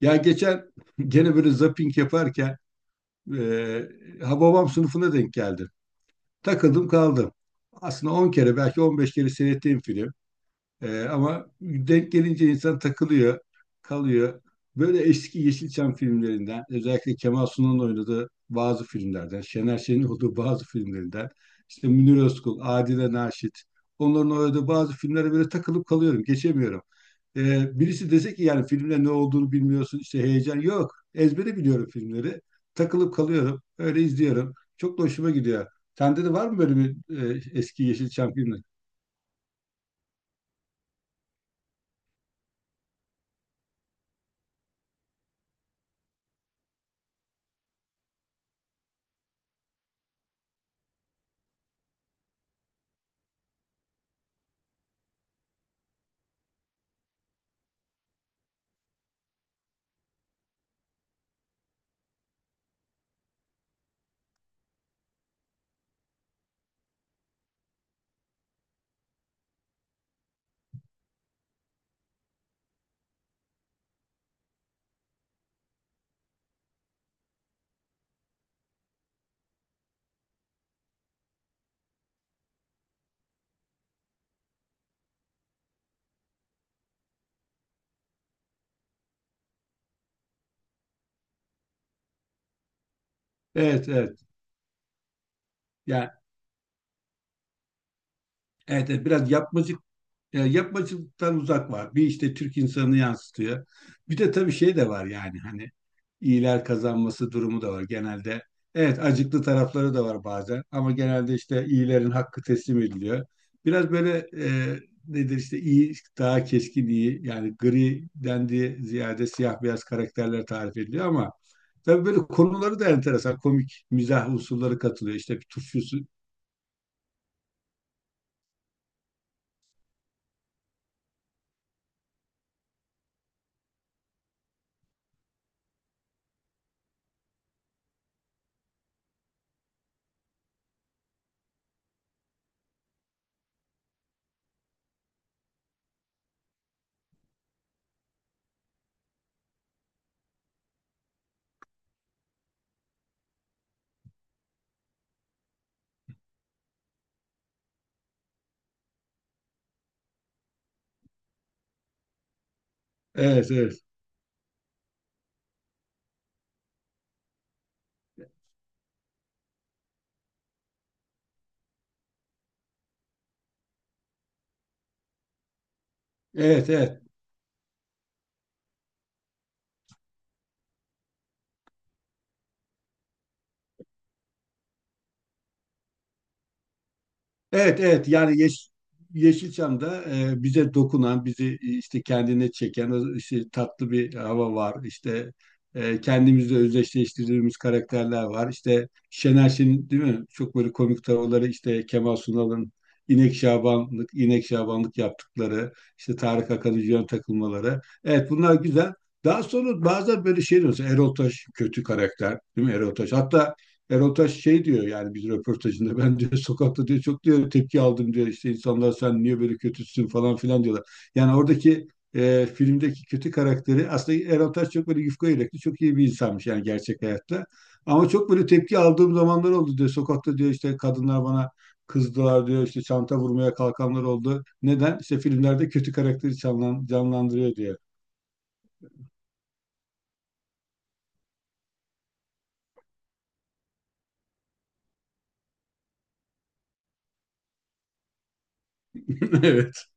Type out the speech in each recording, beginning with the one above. Ya geçen gene böyle zapping yaparken Hababam sınıfına denk geldim. Takıldım kaldım. Aslında 10 kere belki 15 kere seyrettiğim film. Ama denk gelince insan takılıyor, kalıyor. Böyle eski Yeşilçam filmlerinden, özellikle Kemal Sunal'ın oynadığı bazı filmlerden, Şener Şen'in olduğu bazı filmlerinden, işte Münir Özkul, Adile Naşit, onların oynadığı bazı filmlere böyle takılıp kalıyorum, geçemiyorum. Birisi dese ki, yani filmde ne olduğunu bilmiyorsun, işte heyecan yok. Ezbere biliyorum filmleri. Takılıp kalıyorum, öyle izliyorum. Çok da hoşuma gidiyor. Sende de var mı böyle bir eski Yeşilçam filmi? Evet, evet. Yani evet, evet, biraz yapmacık, yapmacıktan uzak var. Bir işte Türk insanını yansıtıyor. Bir de tabii şey de var, yani hani iyiler kazanması durumu da var genelde. Evet, acıklı tarafları da var bazen, ama genelde işte iyilerin hakkı teslim ediliyor. Biraz böyle nedir, işte iyi daha keskin iyi, yani gri dendiği ziyade siyah beyaz karakterler tarif ediliyor, ama tabii böyle konuları da enteresan komik mizah unsurları katılıyor. İşte bir turşusu. Evet, evet. Evet, evet. Evet, evet, yani Yeşilçam'da bize dokunan, bizi işte kendine çeken o işte tatlı bir hava var. İşte kendimizle özdeşleştirdiğimiz karakterler var. İşte Şener Şen'in, değil mi? Çok böyle komik tavırları, işte Kemal Sunal'ın İnek Şabanlık, İnek Şabanlık yaptıkları, işte Tarık Akan'ın yön takılmaları. Evet, bunlar güzel. Daha sonra bazen böyle şey diyorsun. Erol Taş kötü karakter, değil mi Erol Taş? Hatta Erol Taş şey diyor, yani bir röportajında ben diyor, sokakta diyor, çok diyor tepki aldım diyor, işte insanlar sen niye böyle kötüsün falan filan diyorlar. Yani oradaki filmdeki kötü karakteri aslında Erol Taş çok böyle yufka yürekli çok iyi bir insanmış, yani gerçek hayatta. Ama çok böyle tepki aldığım zamanlar oldu diyor, sokakta diyor, işte kadınlar bana kızdılar diyor, işte çanta vurmaya kalkanlar oldu. Neden? İşte filmlerde kötü karakteri canlandırıyor diyor. Evet.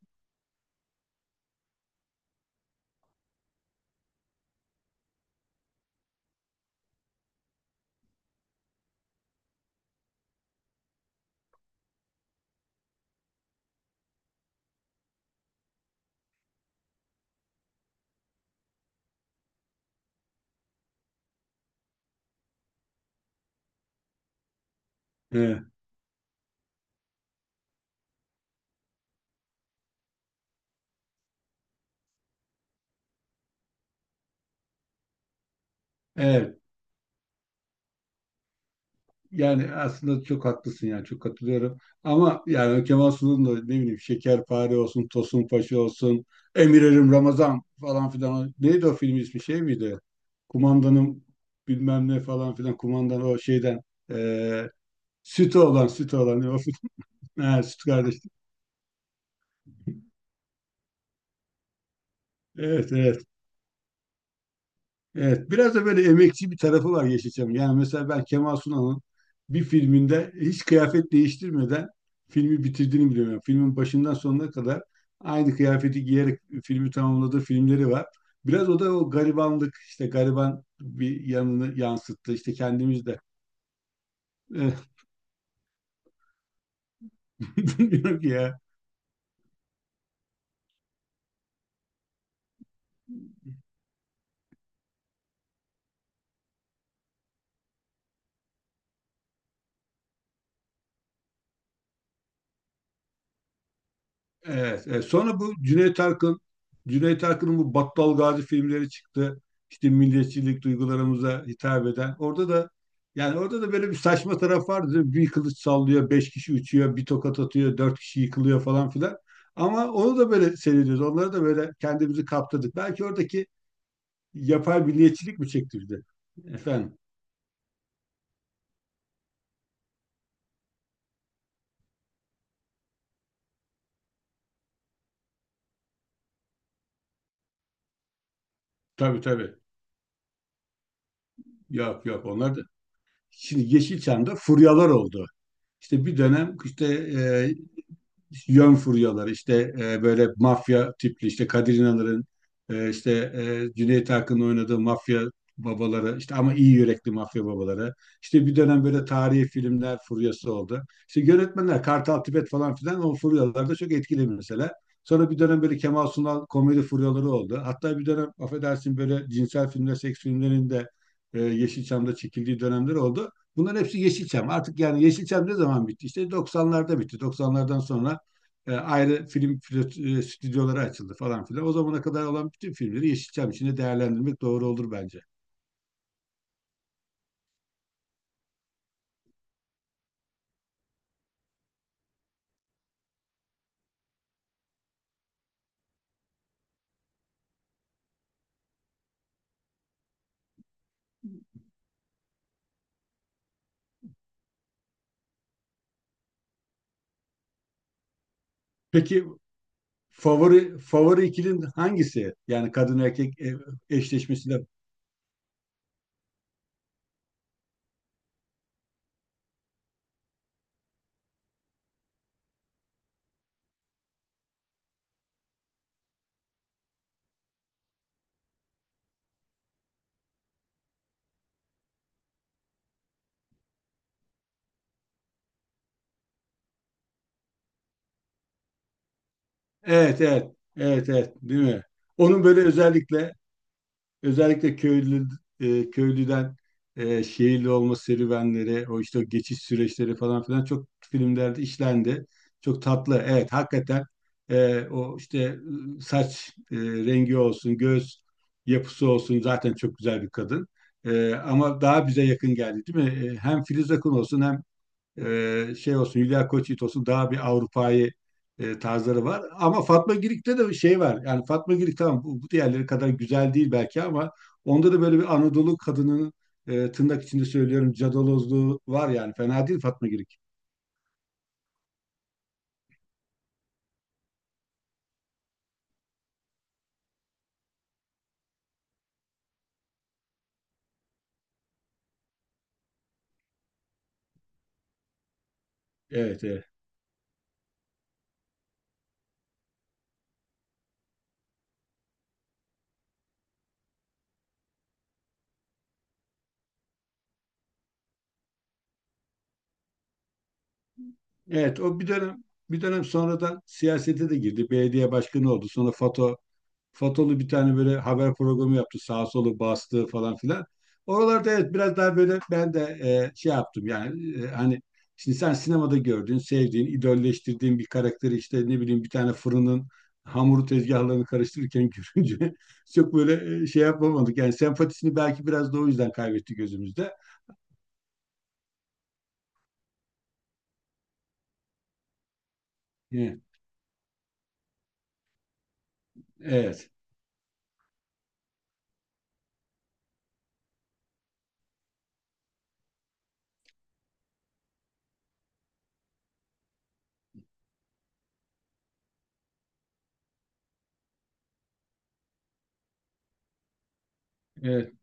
Evet. Evet. Yani aslında çok haklısın, yani çok katılıyorum. Ama yani Kemal Sunal'ın da ne bileyim Şekerpare olsun, Tosun Paşa olsun, Emirlerim Ramazan falan filan. Neydi o film ismi, şey miydi? Kumandanım bilmem ne falan filan. Kumandan o şeyden eee sütü olan, sütü olan. O süt, he, süt kardeş. Evet, evet. Evet, biraz da böyle emekçi bir tarafı var Yeşilçam'ın. Yani mesela ben Kemal Sunal'ın bir filminde hiç kıyafet değiştirmeden filmi bitirdiğini biliyorum. Yani filmin başından sonuna kadar aynı kıyafeti giyerek filmi tamamladığı filmleri var. Biraz o da o garibanlık, işte gariban bir yanını yansıttı. İşte kendimiz de. Bilmiyorum ki ya. Evet, evet. Sonra bu Cüneyt Arkın'ın bu Battal Gazi filmleri çıktı. İşte milliyetçilik duygularımıza hitap eden. Orada da, yani orada da böyle bir saçma taraf vardı, değil mi? Bir kılıç sallıyor, beş kişi uçuyor, bir tokat atıyor, dört kişi yıkılıyor falan filan. Ama onu da böyle seyrediyoruz. Onları da böyle kendimizi kaptırdık. Belki oradaki yapay milliyetçilik mi çekti bizi? Efendim, tabii, tabii. Yok, yok, onlar da. Şimdi Yeşilçam'da furyalar oldu. İşte bir dönem işte e, yön furyaları, işte böyle mafya tipli, işte Kadir İnanır'ın işte Cüneyt Arkın'ın oynadığı mafya babaları, işte ama iyi yürekli mafya babaları, işte bir dönem böyle tarihi filmler furyası oldu. İşte yönetmenler Kartal Tibet falan filan o furyalarda çok etkili mesela. Sonra bir dönem böyle Kemal Sunal komedi furyaları oldu. Hatta bir dönem, affedersin, böyle cinsel filmler, seks filmlerinin de Yeşilçam'da çekildiği dönemler oldu. Bunların hepsi Yeşilçam. Artık yani Yeşilçam ne zaman bitti? İşte 90'larda bitti. 90'lardan sonra ayrı film stüdyoları açıldı falan filan. O zamana kadar olan bütün filmleri Yeşilçam içinde değerlendirmek doğru olur bence. Peki favori favori ikilin hangisi? Yani kadın erkek eşleşmesiyle. Evet, evet. Evet, evet, değil mi? Onun böyle özellikle. Özellikle köylü köylüden şehirli olma serüvenleri, o işte o geçiş süreçleri falan filan çok filmlerde işlendi. Çok tatlı. Evet, hakikaten o işte saç rengi olsun, göz yapısı olsun, zaten çok güzel bir kadın. Ama daha bize yakın geldi, değil mi? Hem Filiz Akın olsun hem şey olsun Hülya Koçyiğit olsun daha bir Avrupa'yı tarzları var. Ama Fatma Girik'te de bir şey var. Yani Fatma Girik tamam, bu diğerleri kadar güzel değil belki, ama onda da böyle bir Anadolu kadının tırnak içinde söylüyorum cadalozluğu var yani. Fena değil Fatma Girik. Evet, evet. Evet o bir dönem, sonradan siyasete de girdi. Belediye başkanı oldu. Sonra FATO, Fatolu bir tane böyle haber programı yaptı. Sağ solu bastı falan filan. Oralarda evet biraz daha böyle ben de şey yaptım, yani hani şimdi sen sinemada gördüğün, sevdiğin, idolleştirdiğin bir karakteri işte ne bileyim bir tane fırının hamuru tezgahlarını karıştırırken görünce çok böyle şey yapamadık. Yani sempatisini belki biraz da o yüzden kaybetti gözümüzde. Evet, evet, evet,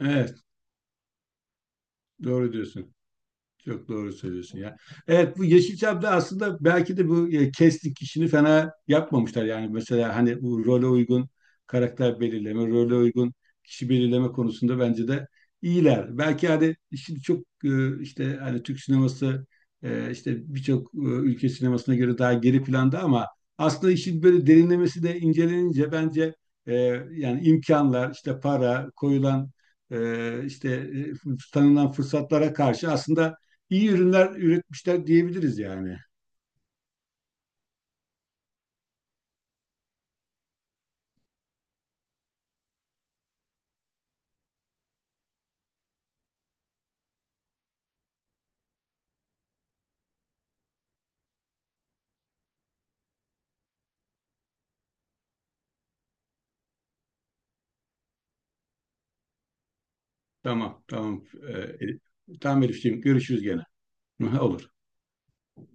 evet, doğru diyorsun. Çok doğru söylüyorsun ya. Evet bu Yeşilçam'da aslında belki de kestik işini fena yapmamışlar. Yani mesela hani bu role uygun karakter belirleme, role uygun kişi belirleme konusunda bence de iyiler. Belki hani şimdi çok işte hani Türk sineması işte birçok ülke sinemasına göre daha geri planda, ama aslında işin böyle derinlemesi de incelenince bence e, yani imkanlar, işte para, koyulan e, işte tanınan fırsatlara karşı aslında iyi ürünler üretmişler diyebiliriz yani. Tamam, tamam. Tamam Elifciğim, görüşürüz gene. Olur.